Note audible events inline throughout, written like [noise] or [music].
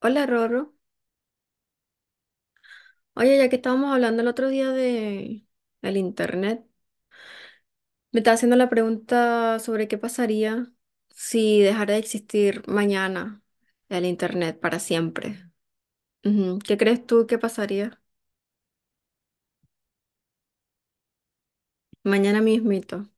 Hola, Rorro. Oye, ya que estábamos hablando el otro día de el internet, me estaba haciendo la pregunta sobre qué pasaría si dejara de existir mañana el internet para siempre. Ujú. ¿Qué crees tú que pasaría mañana mismito?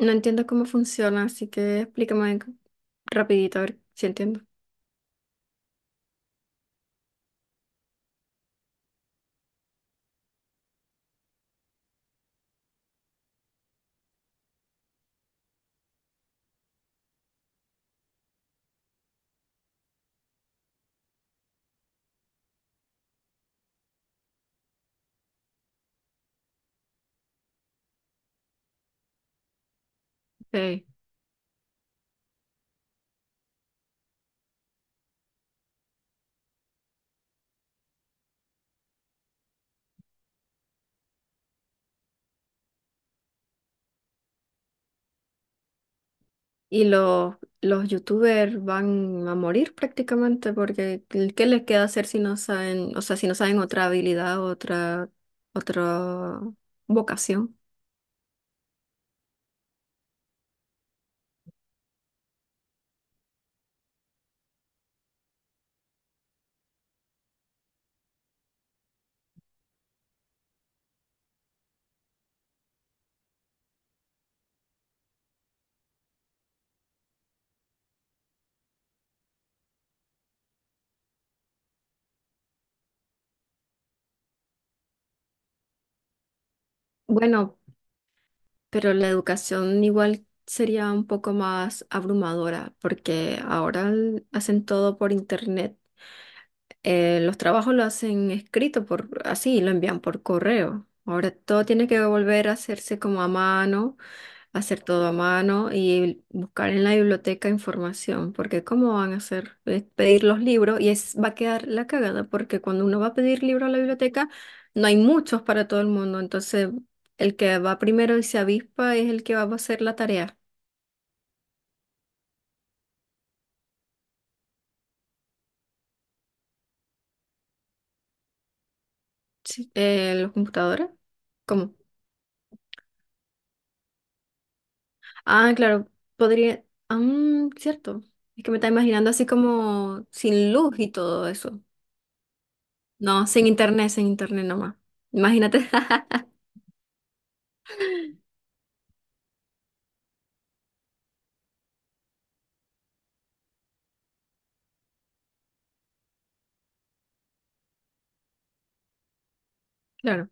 No entiendo cómo funciona, así que explícame rapidito a ver si entiendo. Ok. Y los youtubers van a morir prácticamente porque ¿qué les queda hacer si no saben, o sea, si no saben otra habilidad, otra, otra vocación? Bueno, pero la educación igual sería un poco más abrumadora porque ahora hacen todo por internet. Los trabajos lo hacen escrito por así, lo envían por correo. Ahora todo tiene que volver a hacerse como a mano, hacer todo a mano y buscar en la biblioteca información, porque ¿cómo van a hacer? Es pedir los libros y es, va a quedar la cagada, porque cuando uno va a pedir libros a la biblioteca, no hay muchos para todo el mundo, entonces el que va primero y se avispa es el que va a hacer la tarea. Sí. ¿Los computadores? ¿Cómo? Ah, claro, podría... Ah, mm, cierto. Es que me está imaginando así como sin luz y todo eso. No, sin internet, sin internet nomás. Imagínate. [laughs] Claro.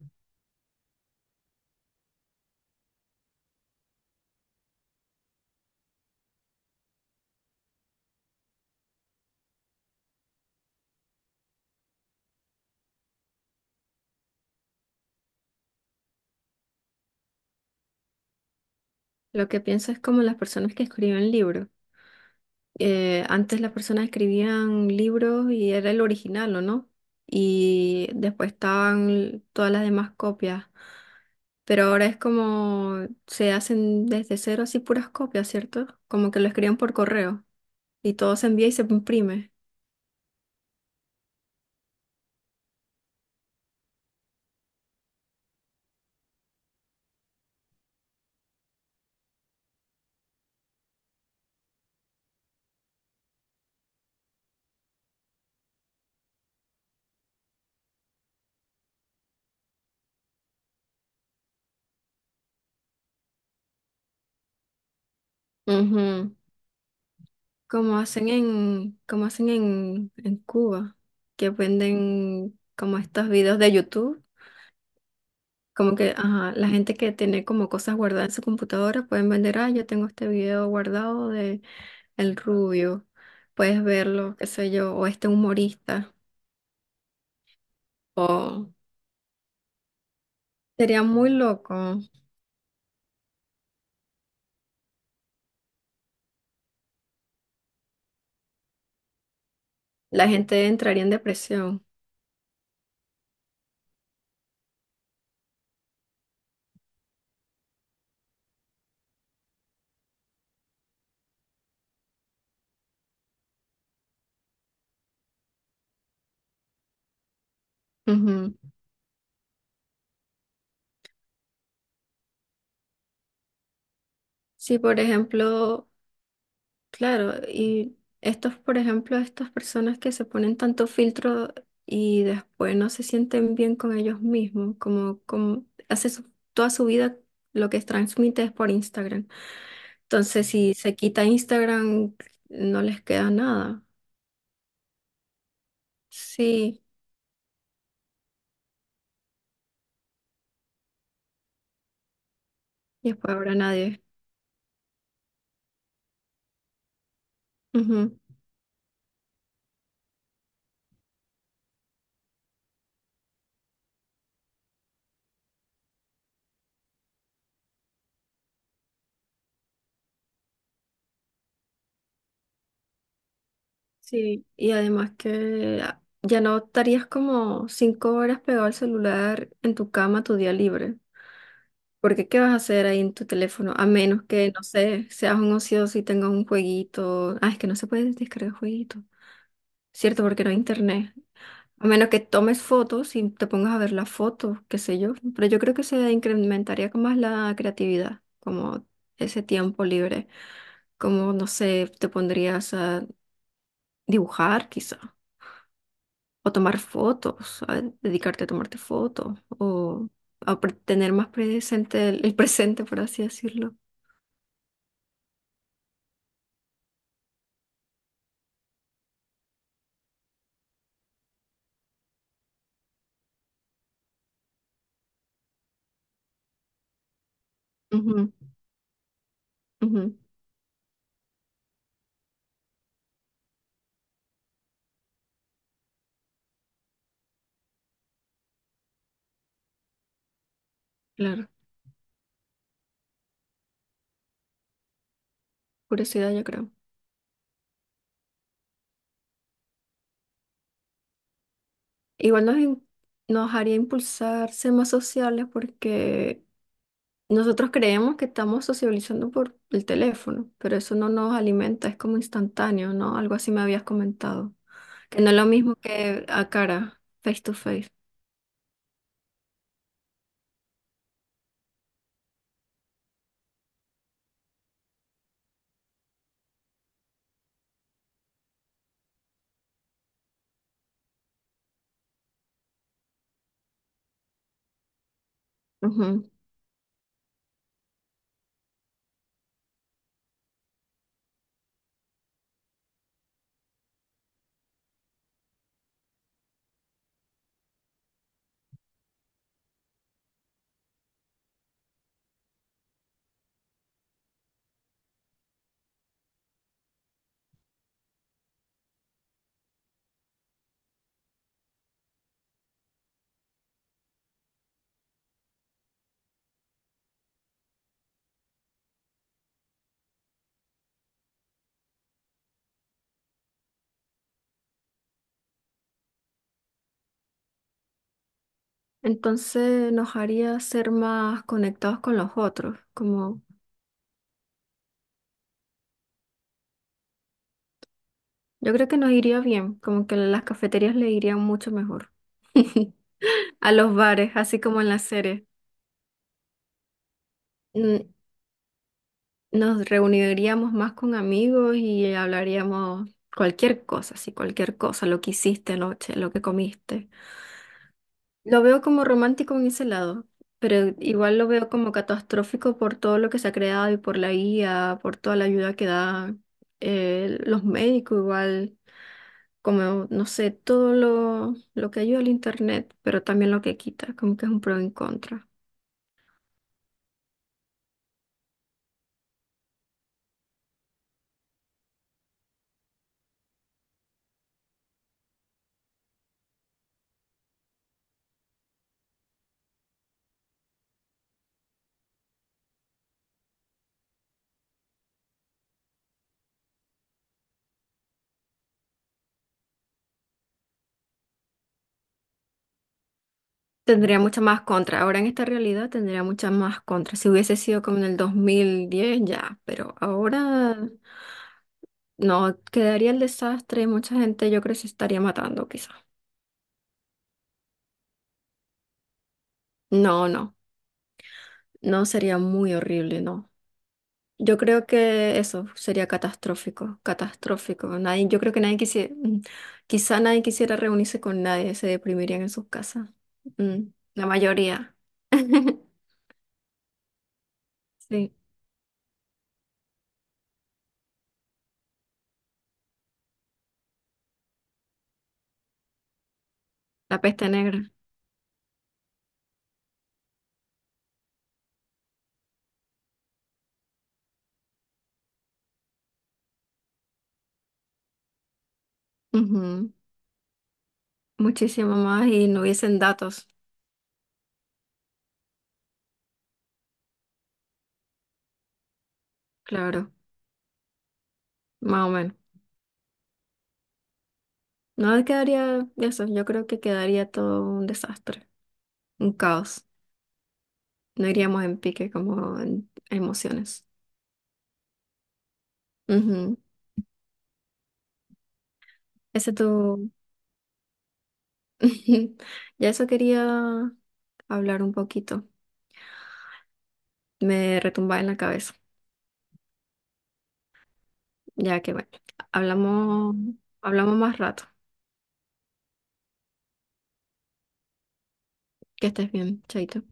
Lo que pienso es como las personas que escriben libros. Antes las personas escribían libros y era el original, ¿o no? Y después estaban todas las demás copias. Pero ahora es como se hacen desde cero así puras copias, ¿cierto? Como que lo escriben por correo y todo se envía y se imprime. Ujú. Como hacen en en Cuba, que venden como estos videos de YouTube. Como que, ajá, la gente que tiene como cosas guardadas en su computadora pueden vender, ah, yo tengo este video guardado de El Rubio, puedes verlo, qué sé yo, o este humorista, o sería muy loco, la gente entraría en depresión. Ujú. Sí, por ejemplo, claro, y estos, por ejemplo, estas personas que se ponen tanto filtro y después no se sienten bien con ellos mismos, como, como toda su vida lo que transmite es por Instagram. Entonces, si se quita Instagram, no les queda nada. Sí, y después habrá nadie. Ujú. Sí, y además que ya no estarías como 5 horas pegado al celular en tu cama tu día libre. Porque ¿qué vas a hacer ahí en tu teléfono? A menos que, no sé, seas un ocioso y tengas un jueguito. Ah, es que no se puede descargar jueguito. Cierto, porque no hay internet. A menos que tomes fotos y te pongas a ver las fotos, qué sé yo. Pero yo creo que se incrementaría con más la creatividad, como ese tiempo libre. Como, no sé, te pondrías a dibujar quizá, o tomar fotos, a dedicarte a tomarte fotos, o tener más presente el presente, por así decirlo. Ujú, ujú, claro, curiosidad yo creo. Igual nos, in- nos haría impulsar ser más sociales porque nosotros creemos que estamos sociabilizando por el teléfono, pero eso no nos alimenta, es como instantáneo, ¿no? Algo así me habías comentado, que no es lo mismo que a cara, face to face. Ujú. Entonces nos haría ser más conectados con los otros, como yo creo que nos iría bien, como que las cafeterías le irían mucho mejor [laughs] a los bares, así como en la serie. Mm, nos reuniríamos más con amigos y hablaríamos cualquier cosa, sí, cualquier cosa, lo que hiciste anoche, lo que comiste. Lo veo como romántico en ese lado, pero igual lo veo como catastrófico por todo lo que se ha creado y por la guía, por toda la ayuda que dan los médicos, igual, como, no sé, lo que ayuda al internet, pero también lo que quita, como que es un pro en contra. Tendría mucha más contra. Ahora en esta realidad tendría mucha más contra. Si hubiese sido como en el 2010 ya, pero ahora no, quedaría el desastre. Mucha gente yo creo que se estaría matando quizá. No, no, no sería muy horrible, no. Yo creo que eso sería catastrófico, catastrófico. Nadie, yo creo que nadie quisiera, quizá nadie quisiera reunirse con nadie, se deprimirían en sus casas. Mm, la mayoría. [laughs] Sí, la peste negra. Ujú. Muchísimo más y no hubiesen datos, claro, más o menos. No quedaría eso, yo creo que quedaría todo un desastre, un caos. No iríamos en pique como en emociones. Ujú. Ese tú, [laughs] ya eso quería hablar un poquito. Me retumbaba en la cabeza, ya que bueno, hablamos, hablamos más rato. Que estés bien, chaito.